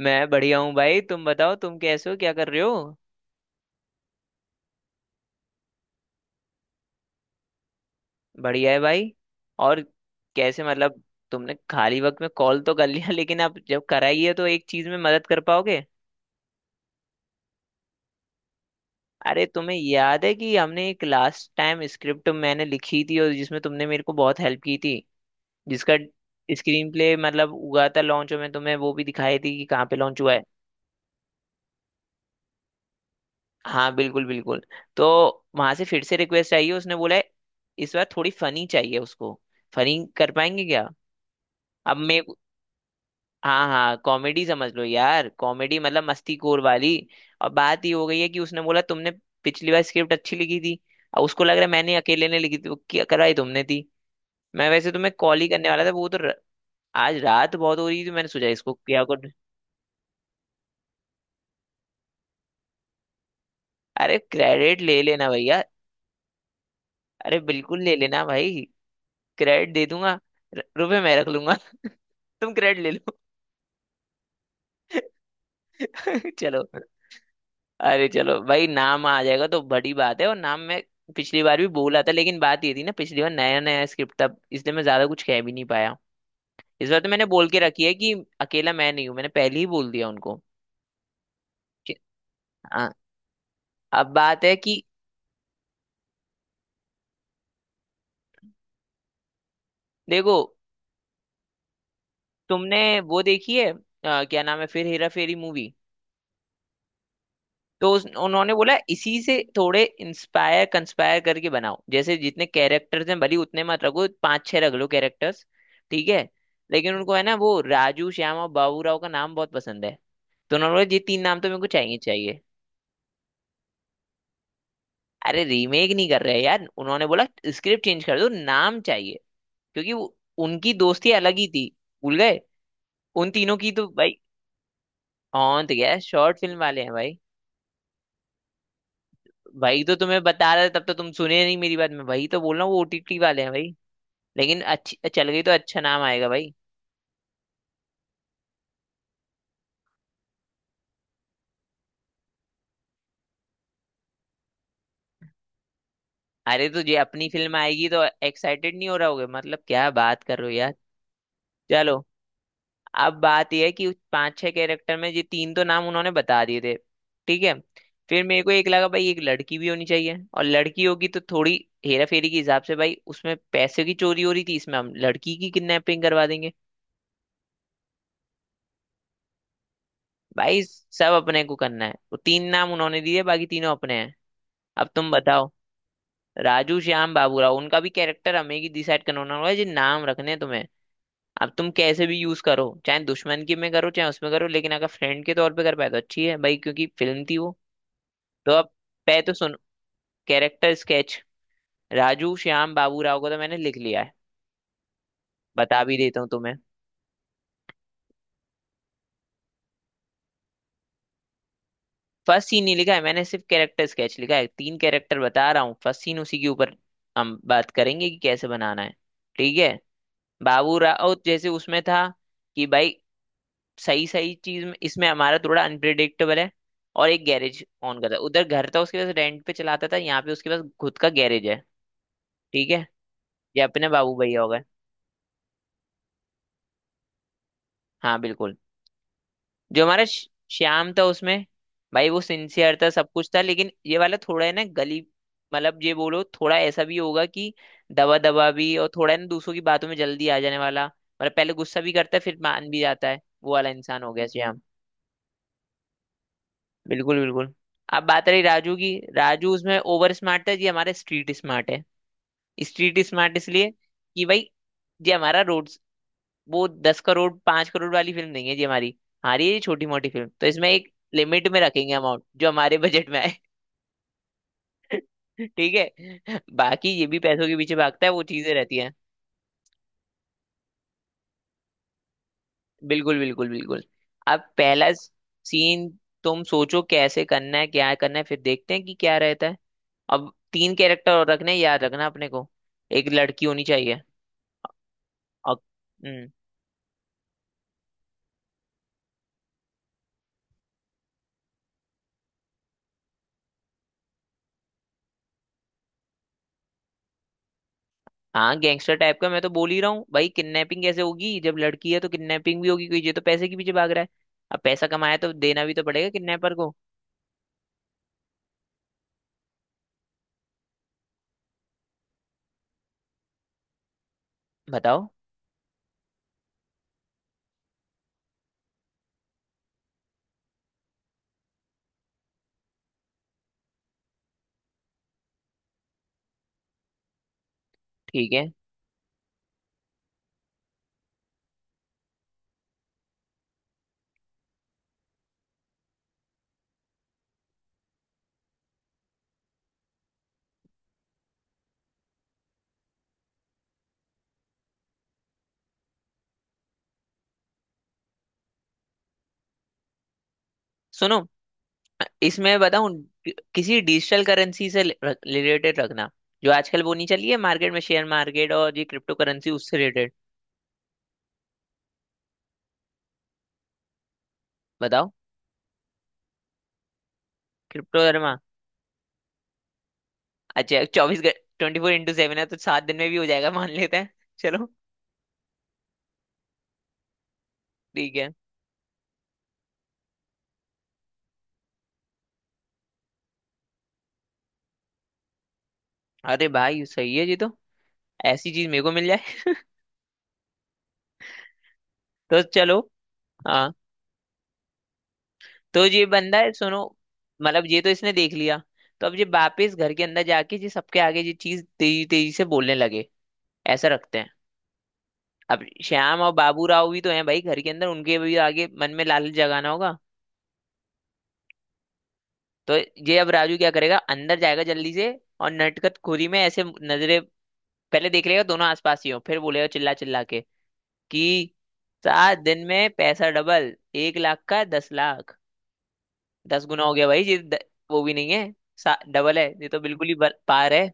मैं बढ़िया हूँ भाई। तुम बताओ, तुम कैसे हो, क्या कर रहे हो? बढ़िया है भाई। और कैसे मतलब? तुमने खाली वक्त में कॉल तो कर लिया लेकिन अब जब कराई है तो एक चीज में मदद कर पाओगे? अरे तुम्हें याद है कि हमने एक लास्ट टाइम स्क्रिप्ट मैंने लिखी थी और जिसमें तुमने मेरे को बहुत हेल्प की थी, जिसका स्क्रीन प्ले मतलब हुआ था? लॉन्च में तुम्हें वो भी दिखाई थी कि कहाँ पे लॉन्च हुआ है। हाँ बिल्कुल बिल्कुल। तो वहां से फिर से रिक्वेस्ट आई है, उसने बोला है इस बार थोड़ी फनी चाहिए उसको। फनी कर पाएंगे क्या? अब मैं। हाँ हाँ कॉमेडी समझ लो यार, कॉमेडी मतलब मस्ती कोर वाली। और बात ये हो गई है कि उसने बोला तुमने पिछली बार स्क्रिप्ट अच्छी लिखी थी और उसको लग रहा है मैंने अकेले ने लिखी थी। वो क्या कराई तुमने थी। मैं वैसे तुम्हें कॉल ही करने वाला था। आज रात बहुत हो रही थी, मैंने सोचा इसको क्या कर। अरे क्रेडिट ले लेना भैया। अरे बिल्कुल ले लेना भाई, क्रेडिट दे दूंगा। रुपए मैं रख लूंगा। तुम क्रेडिट ले लो। चलो। अरे चलो भाई नाम आ जाएगा तो बड़ी बात है। और नाम मैं पिछली बार भी बोला था, लेकिन बात ये थी ना पिछली बार नया नया स्क्रिप्ट था इसलिए मैं ज्यादा कुछ कह भी नहीं पाया। इस बार तो मैंने बोल के रखी है कि अकेला मैं नहीं हूँ, मैंने पहले ही बोल दिया उनको कि- हाँ। अब बात है कि देखो, तुमने वो देखी है, क्या नाम है फिर हेरा फेरी मूवी? तो उन्होंने बोला इसी से थोड़े इंस्पायर कंस्पायर करके बनाओ, जैसे जितने कैरेक्टर्स हैं भले ही उतने मत रखो, पांच छह रख लो कैरेक्टर्स। ठीक है। लेकिन उनको है ना वो राजू श्याम और बाबूराव का नाम बहुत पसंद है। तो उन्होंने बोला ये तीन नाम तो मेरे को चाहिए चाहिए। अरे रीमेक नहीं कर रहे हैं यार, उन्होंने बोला स्क्रिप्ट चेंज कर दो, नाम चाहिए। क्योंकि उनकी दोस्ती अलग ही थी, भूल गए उन तीनों की तो भाई। हाँ तो क्या शॉर्ट फिल्म वाले हैं भाई? भाई तो तुम्हें बता रहा था, तब तो तुम सुने नहीं मेरी बात, मैं वही तो बोल रहा हूँ वो ओटीटी वाले हैं भाई। लेकिन अच्छी चल गई तो अच्छा नाम आएगा भाई। अरे तो ये अपनी फिल्म आएगी तो एक्साइटेड नहीं हो रहा होगे मतलब, क्या बात कर रहे हो यार? चलो। अब बात यह है कि उस पांच छह कैरेक्टर में ये तीन तो नाम उन्होंने बता दिए थे। ठीक है। फिर मेरे को एक लगा भाई एक लड़की भी होनी चाहिए, और लड़की होगी तो थोड़ी हेरा फेरी के हिसाब से भाई, उसमें पैसे की चोरी हो रही थी, इसमें हम लड़की की किडनैपिंग करवा देंगे। भाई सब अपने को करना है, वो तीन नाम उन्होंने दिए बाकी तीनों अपने हैं। अब तुम बताओ। राजू श्याम बाबूराव, उनका भी कैरेक्टर हमें ही डिसाइड करना होना होगा जी, नाम रखने हैं तुम्हें। अब तुम कैसे भी यूज करो, चाहे दुश्मन की में करो चाहे उसमें करो, लेकिन अगर फ्रेंड के तौर पे कर पाए तो अच्छी है भाई क्योंकि फिल्म थी वो। तो अब पै तो सुनो, कैरेक्टर स्केच राजू श्याम बाबूराव को तो मैंने लिख लिया है, बता भी देता हूँ तुम्हें। फर्स्ट सीन नहीं लिखा है, मैंने सिर्फ कैरेक्टर स्केच लिखा है, तीन कैरेक्टर बता रहा हूँ। फर्स्ट सीन उसी के ऊपर हम बात करेंगे कि कैसे बनाना है। ठीक है। बाबूराव जैसे उसमें था कि भाई सही सही इसमें हमारा थोड़ा अनप्रिडिक्टेबल है और एक गैरेज ऑन करता है। उधर घर था उसके पास रेंट पे चलाता था, यहाँ पे उसके पास खुद का गैरेज है। ठीक है, ये अपने बाबू भैया हो गए। हाँ बिल्कुल। जो हमारा श्याम था उसमें भाई वो सिंसियर था सब कुछ था, लेकिन ये वाला थोड़ा है ना गली, मतलब ये बोलो थोड़ा ऐसा भी होगा कि दबा दबा भी, और थोड़ा है ना दूसरों की बातों में जल्दी आ जाने वाला, मतलब पहले गुस्सा भी करता है फिर मान भी जाता है, वो वाला इंसान हो गया। बिल्कुल बिल्कुल। अब बात रही राजू की। राजू उसमें ओवर स्मार्ट है, ये हमारे स्ट्रीट स्मार्ट है। स्ट्रीट स्मार्ट इसलिए कि भाई ये हमारा रोड, वो 10 करोड़ 5 करोड़ वाली फिल्म नहीं है जी हमारी। हमारी ये छोटी मोटी फिल्म तो इसमें एक लिमिट में रखेंगे अमाउंट जो हमारे बजट में आए। ठीक है, बाकी ये भी पैसों के पीछे भागता है वो चीजें रहती हैं। बिल्कुल बिल्कुल बिल्कुल। अब पहला सीन तुम सोचो कैसे करना है क्या करना है फिर देखते हैं कि क्या रहता है। अब तीन कैरेक्टर और रखने हैं, याद रखना अपने को। एक लड़की होनी चाहिए। और हम्म। हाँ गैंगस्टर टाइप का मैं तो बोल ही रहा हूँ भाई, किडनैपिंग कैसे होगी? जब लड़की है तो किडनैपिंग भी होगी क्योंकि ये तो पैसे के पीछे भाग रहा है। अब पैसा कमाया तो देना भी तो पड़ेगा किडनैपर को। बताओ। ठीक है, सुनो, इसमें बताऊं किसी डिजिटल करेंसी से रिलेटेड रखना, जो आजकल वो नहीं चली है मार्केट में, शेयर मार्केट और ये क्रिप्टो करेंसी, उससे रिलेटेड। बताओ। क्रिप्टो धर्मा। अच्छा 24, 24/7 है तो 7 दिन में भी हो जाएगा, मान लेते हैं। चलो। ठीक है। अरे भाई सही है जी, तो ऐसी चीज मेरे को मिल जाए। तो चलो। हाँ, तो ये बंदा है, सुनो। मतलब ये तो इसने देख लिया, तो अब ये वापस घर के अंदर जाके ये सबके आगे ये चीज तेजी तेजी से बोलने लगे, ऐसा रखते हैं। अब श्याम और बाबू राव भी तो हैं भाई घर के अंदर, उनके भी आगे मन में लालच जगाना होगा। तो ये अब राजू क्या करेगा, अंदर जाएगा जल्दी से और नटखट खोरी में ऐसे नजरे। पहले देख लेगा दोनों आसपास ही हो, फिर बोलेगा चिल्ला चिल्ला के कि 7 दिन में पैसा डबल, 1 लाख का 10 लाख। 10 गुना हो गया भाई ये वो भी नहीं है, डबल है, ये तो बिल्कुल ही पार है।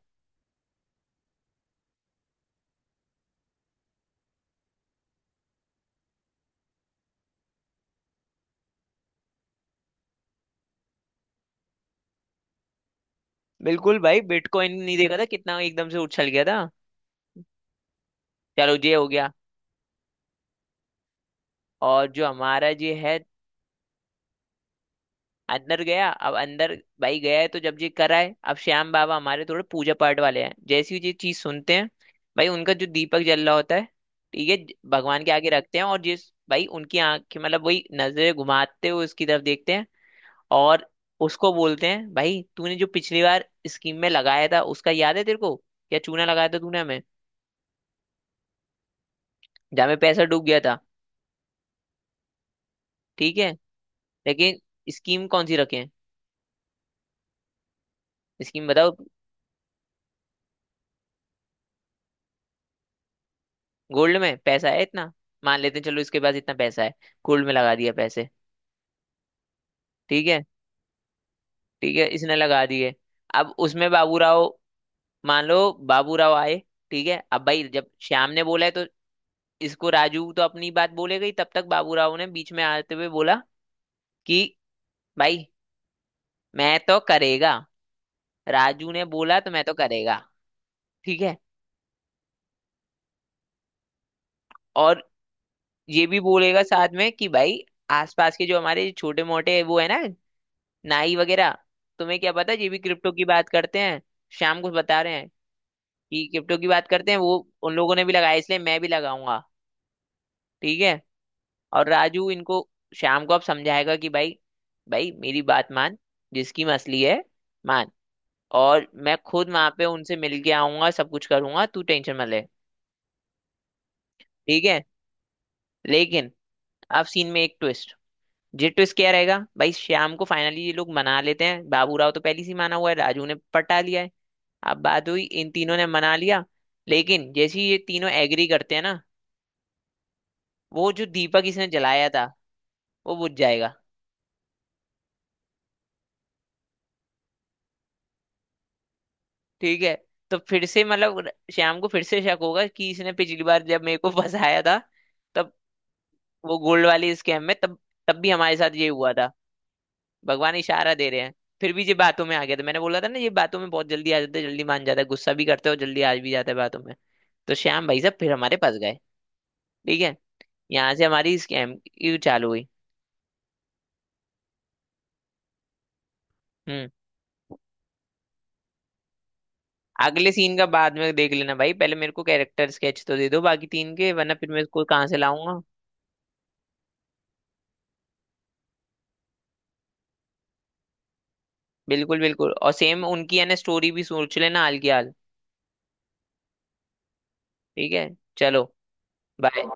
बिल्कुल भाई, बिटकॉइन नहीं देखा था कितना एकदम से उछल गया था। चलो ये हो गया। और जो हमारा ये है, अंदर गया, अब अंदर भाई गया है तो जब ये कराए अब श्याम बाबा हमारे थोड़े पूजा पाठ वाले हैं, जैसी ये चीज सुनते हैं भाई उनका जो दीपक जल रहा होता है, ठीक है, भगवान के आगे रखते हैं, और जिस भाई उनकी आंखें मतलब वही नजरें घुमाते हुए उसकी तरफ देखते हैं। और उसको बोलते हैं भाई तूने जो पिछली बार स्कीम में लगाया था उसका याद है तेरे को, क्या चूना लगाया था तूने हमें, जहाँ में पैसा डूब गया था। ठीक है, लेकिन स्कीम कौन सी रखें? स्कीम बताओ। गोल्ड में पैसा है इतना, मान लेते हैं चलो इसके पास इतना पैसा है, गोल्ड में लगा दिया पैसे। ठीक है। ठीक है, इसने लगा दिए। अब उसमें बाबू राव, मान लो बाबू राव आए। ठीक है, अब भाई जब श्याम ने बोला है तो इसको, राजू तो अपनी बात बोलेगा ही, तब तक बाबू राव ने बीच में आते हुए बोला कि भाई मैं तो करेगा, राजू ने बोला तो मैं तो करेगा। ठीक है। और ये भी बोलेगा साथ में कि भाई आसपास के जो हमारे छोटे मोटे वो है ना, नाई वगैरह, तुम्हें क्या पता ये भी क्रिप्टो की बात करते हैं, शाम को बता रहे हैं कि क्रिप्टो की बात करते हैं वो, उन लोगों ने भी लगाया इसलिए मैं भी लगाऊंगा। ठीक है। और राजू इनको शाम को अब समझाएगा कि भाई, भाई मेरी बात मान, जिसकी मसली है, मान। और मैं खुद वहां पे उनसे मिल के आऊंगा सब कुछ करूंगा, तू टेंशन मत ले। ठीक है, लेकिन अब सीन में एक ट्विस्ट। ये ट्विस्ट क्या रहेगा भाई, श्याम को फाइनली ये लोग मना लेते हैं, बाबू राव तो पहले से ही माना हुआ है, राजू ने पटा लिया है। अब बात हुई इन तीनों ने मना लिया। लेकिन जैसे ही ये तीनों एग्री करते हैं ना, वो जो दीपक इसने जलाया था वो बुझ जाएगा। ठीक है। तो फिर से मतलब श्याम को फिर से शक होगा कि इसने पिछली बार जब मेरे को फंसाया था तब, वो गोल्ड वाले स्कैम में तब, तब भी हमारे साथ ये हुआ था, भगवान इशारा दे रहे हैं। फिर भी ये बातों में आ गया था, मैंने बोला था ना ये बातों में बहुत जल्दी आ जाते हैं, जल्दी मान जाता है, गुस्सा भी करते हो जल्दी आ भी जाता है बातों में। तो श्याम भाई साहब फिर हमारे पास गए। ठीक है, यहाँ से हमारी स्कैम की चालू हुई। हम्म। अगले सीन का बाद में देख लेना भाई, पहले मेरे को कैरेक्टर स्केच तो दे दो बाकी तीन के वरना फिर मैं इसको कहाँ से लाऊंगा। बिल्कुल बिल्कुल और सेम उनकी है ना स्टोरी भी सोच लेना हाल की हाल। ठीक है। चलो। बाय।